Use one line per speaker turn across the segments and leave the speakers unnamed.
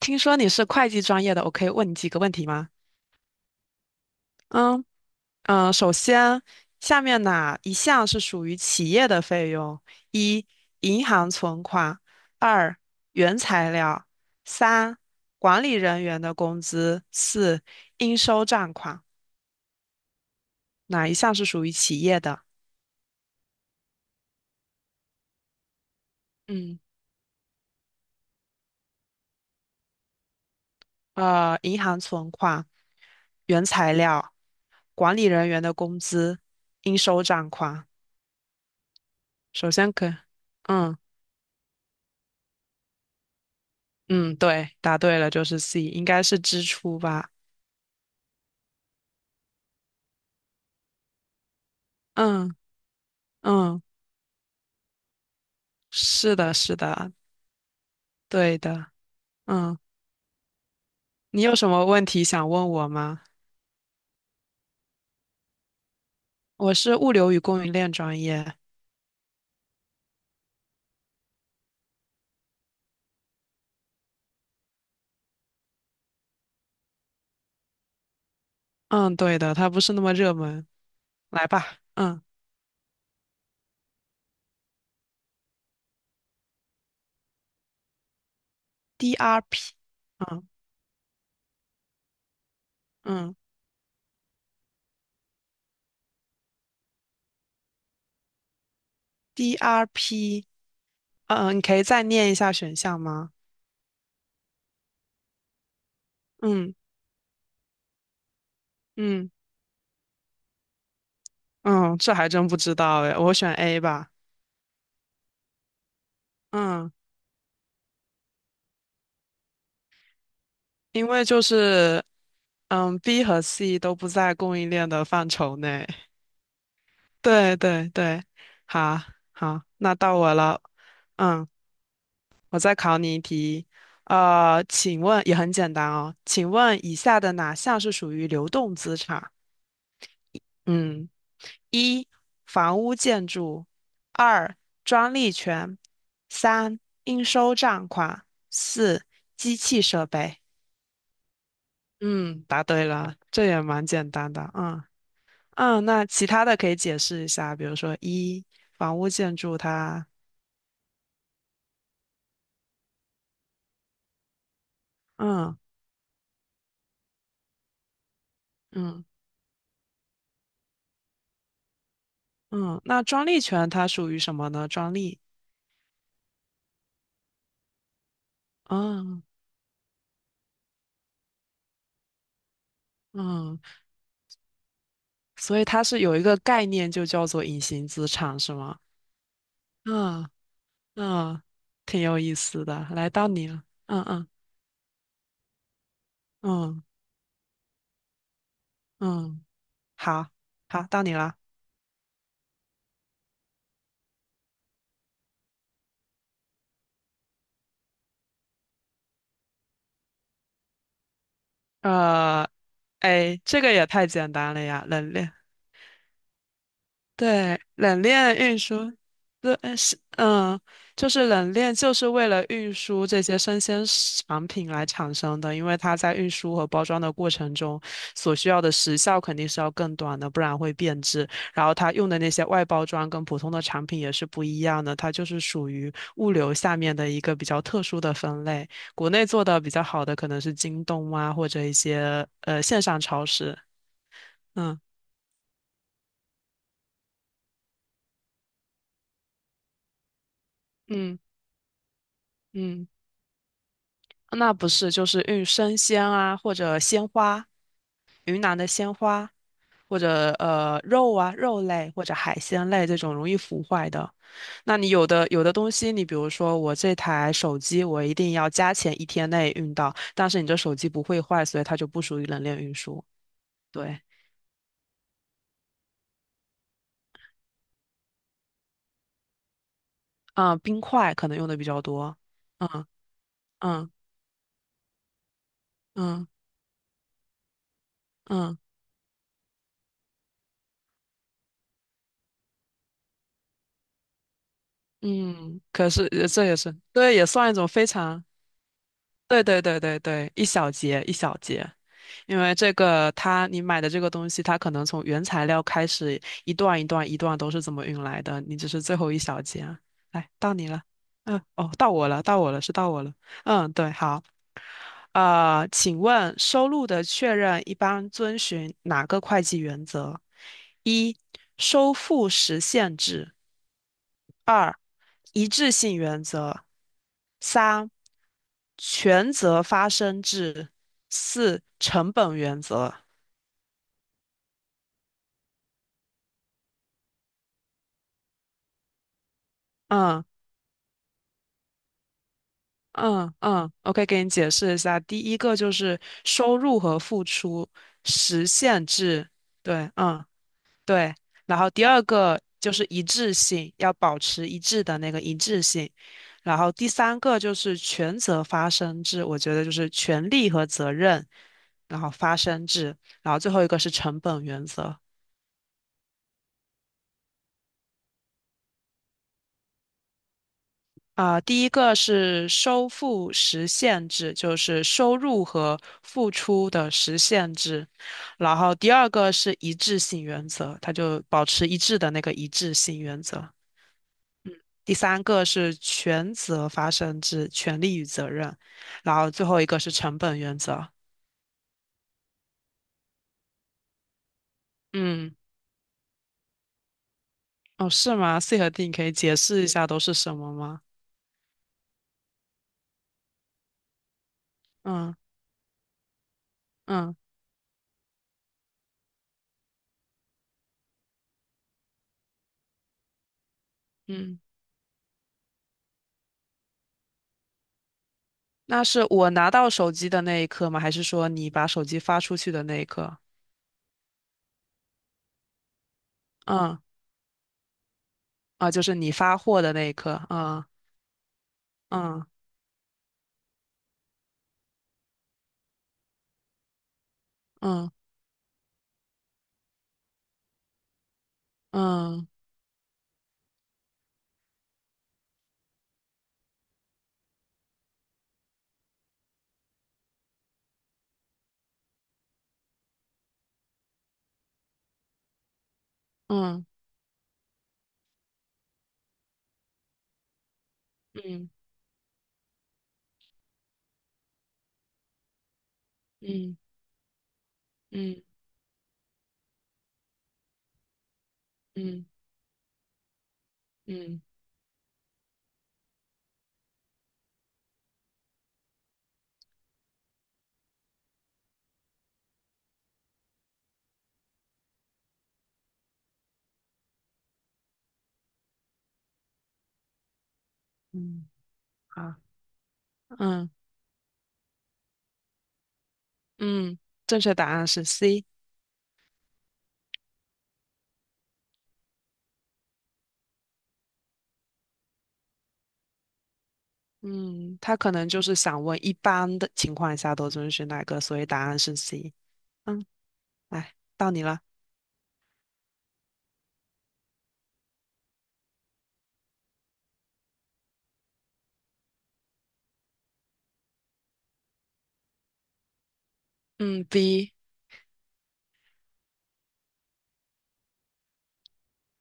听说你是会计专业的，我可以问你几个问题吗？嗯嗯，首先，下面哪一项是属于企业的费用？一、银行存款；二、原材料；三、管理人员的工资；四、应收账款。哪一项是属于企业的？嗯，银行存款、原材料、管理人员的工资、应收账款。首先可，嗯。嗯，对，答对了，就是 C，应该是支出吧？嗯嗯，是的，是的，对的。嗯，你有什么问题想问我吗？我是物流与供应链专业。嗯，对的，它不是那么热门。来吧，嗯，DRP，嗯嗯，DRP，嗯，你可以再念一下选项吗？嗯嗯嗯，这还真不知道诶，我选 A 吧。嗯，因为就是B 和 C 都不在供应链的范畴内。对对对，好好，那到我了。嗯，我再考你一题。请问也很简单哦，请问以下的哪项是属于流动资产？嗯，一房屋建筑，二专利权，三应收账款，四机器设备。嗯，答对了，这也蛮简单的。嗯。嗯，那其他的可以解释一下，比如说一房屋建筑它，嗯嗯嗯，那专利权它属于什么呢？专利，嗯嗯，所以它是有一个概念就叫做隐形资产，是吗？嗯嗯，挺有意思的。来到你了，嗯嗯嗯嗯，好好，到你了。呃，哎，这个也太简单了呀，人类。对，冷链运输，对，是，就是冷链就是为了运输这些生鲜食产品来产生的，因为它在运输和包装的过程中所需要的时效肯定是要更短的，不然会变质。然后它用的那些外包装跟普通的产品也是不一样的，它就是属于物流下面的一个比较特殊的分类。国内做的比较好的可能是京东啊，或者一些线上超市。嗯嗯嗯。那不是，就是运生鲜啊，或者鲜花，云南的鲜花，或者肉啊，肉类或者海鲜类这种容易腐坏的。那你有的东西，你比如说我这台手机，我一定要加钱一天内运到，但是你这手机不会坏，所以它就不属于冷链运输。对，啊、冰块可能用的比较多。嗯嗯嗯嗯嗯。可是这也是，对，也算一种非常。对对对对对，一小节一小节，因为这个它你买的这个东西，它可能从原材料开始一段一段一段都是怎么运来的，你只是最后一小节啊。来，到你了，嗯，哦，到我了，到我了，是到我了。嗯，对，好，请问收入的确认一般遵循哪个会计原则？一、收付时限制；二、一致性原则；三、权责发生制；四、成本原则。嗯嗯嗯，OK，给你解释一下。第一个就是收入和付出实现制，对，嗯对。然后第二个就是一致性，要保持一致的那个一致性。然后第三个就是权责发生制，我觉得就是权利和责任，然后发生制。然后最后一个是成本原则。啊、第一个是收付实现制，就是收入和付出的实现制。然后第二个是一致性原则，它就保持一致的那个一致性原则。第三个是权责发生制，权利与责任。然后最后一个是成本原则。嗯，哦，是吗？C 和 D 你可以解释一下都是什么吗？嗯嗯嗯，那是我拿到手机的那一刻吗？还是说你把手机发出去的那一刻？嗯。啊，就是你发货的那一刻啊，嗯嗯嗯嗯嗯嗯嗯嗯嗯嗯，嗯嗯嗯好，嗯嗯，正确答案是 C。嗯，他可能就是想问一般的情况下都遵循哪个，所以答案是 C。嗯，来，到你了。嗯，B。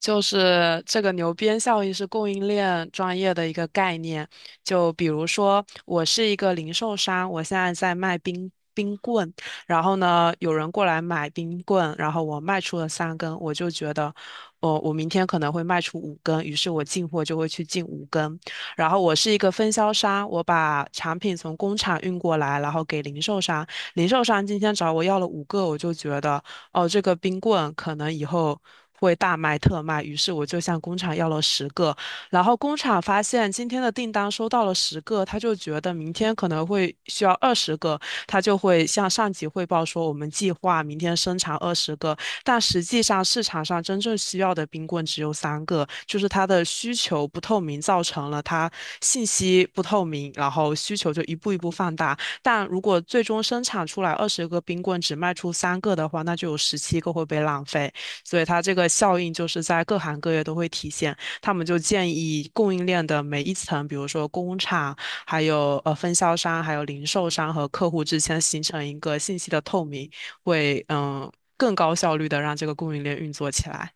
就是这个牛鞭效应是供应链专业的一个概念。就比如说，我是一个零售商，我现在在卖冰棍，然后呢，有人过来买冰棍，然后我卖出了三根，我就觉得，我明天可能会卖出五根，于是我进货就会去进五根。然后我是一个分销商，我把产品从工厂运过来，然后给零售商，零售商今天找我要了五个，我就觉得。哦，这个冰棍可能以后会大卖特卖，于是我就向工厂要了十个，然后工厂发现今天的订单收到了十个，他就觉得明天可能会需要二十个，他就会向上级汇报说我们计划明天生产二十个，但实际上市场上真正需要的冰棍只有三个，就是它的需求不透明，造成了它信息不透明，然后需求就一步一步放大。但如果最终生产出来二十个冰棍只卖出三个的话，那就有17个会被浪费。所以它这个效应就是在各行各业都会体现。他们就建议供应链的每一层，比如说工厂、还有分销商、还有零售商和客户之间形成一个信息的透明，会更高效率的让这个供应链运作起来。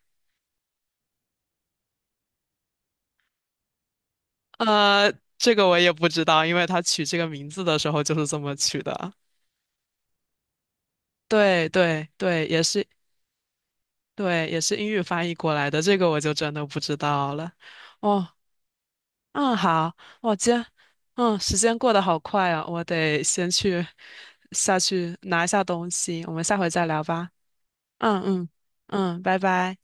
呃，这个我也不知道，因为他取这个名字的时候就是这么取的。对对对，也是对，也是英语翻译过来的，这个我就真的不知道了。哦，嗯，好，我今天时间过得好快啊，我得先去下去拿一下东西，我们下回再聊吧。嗯嗯嗯，拜拜。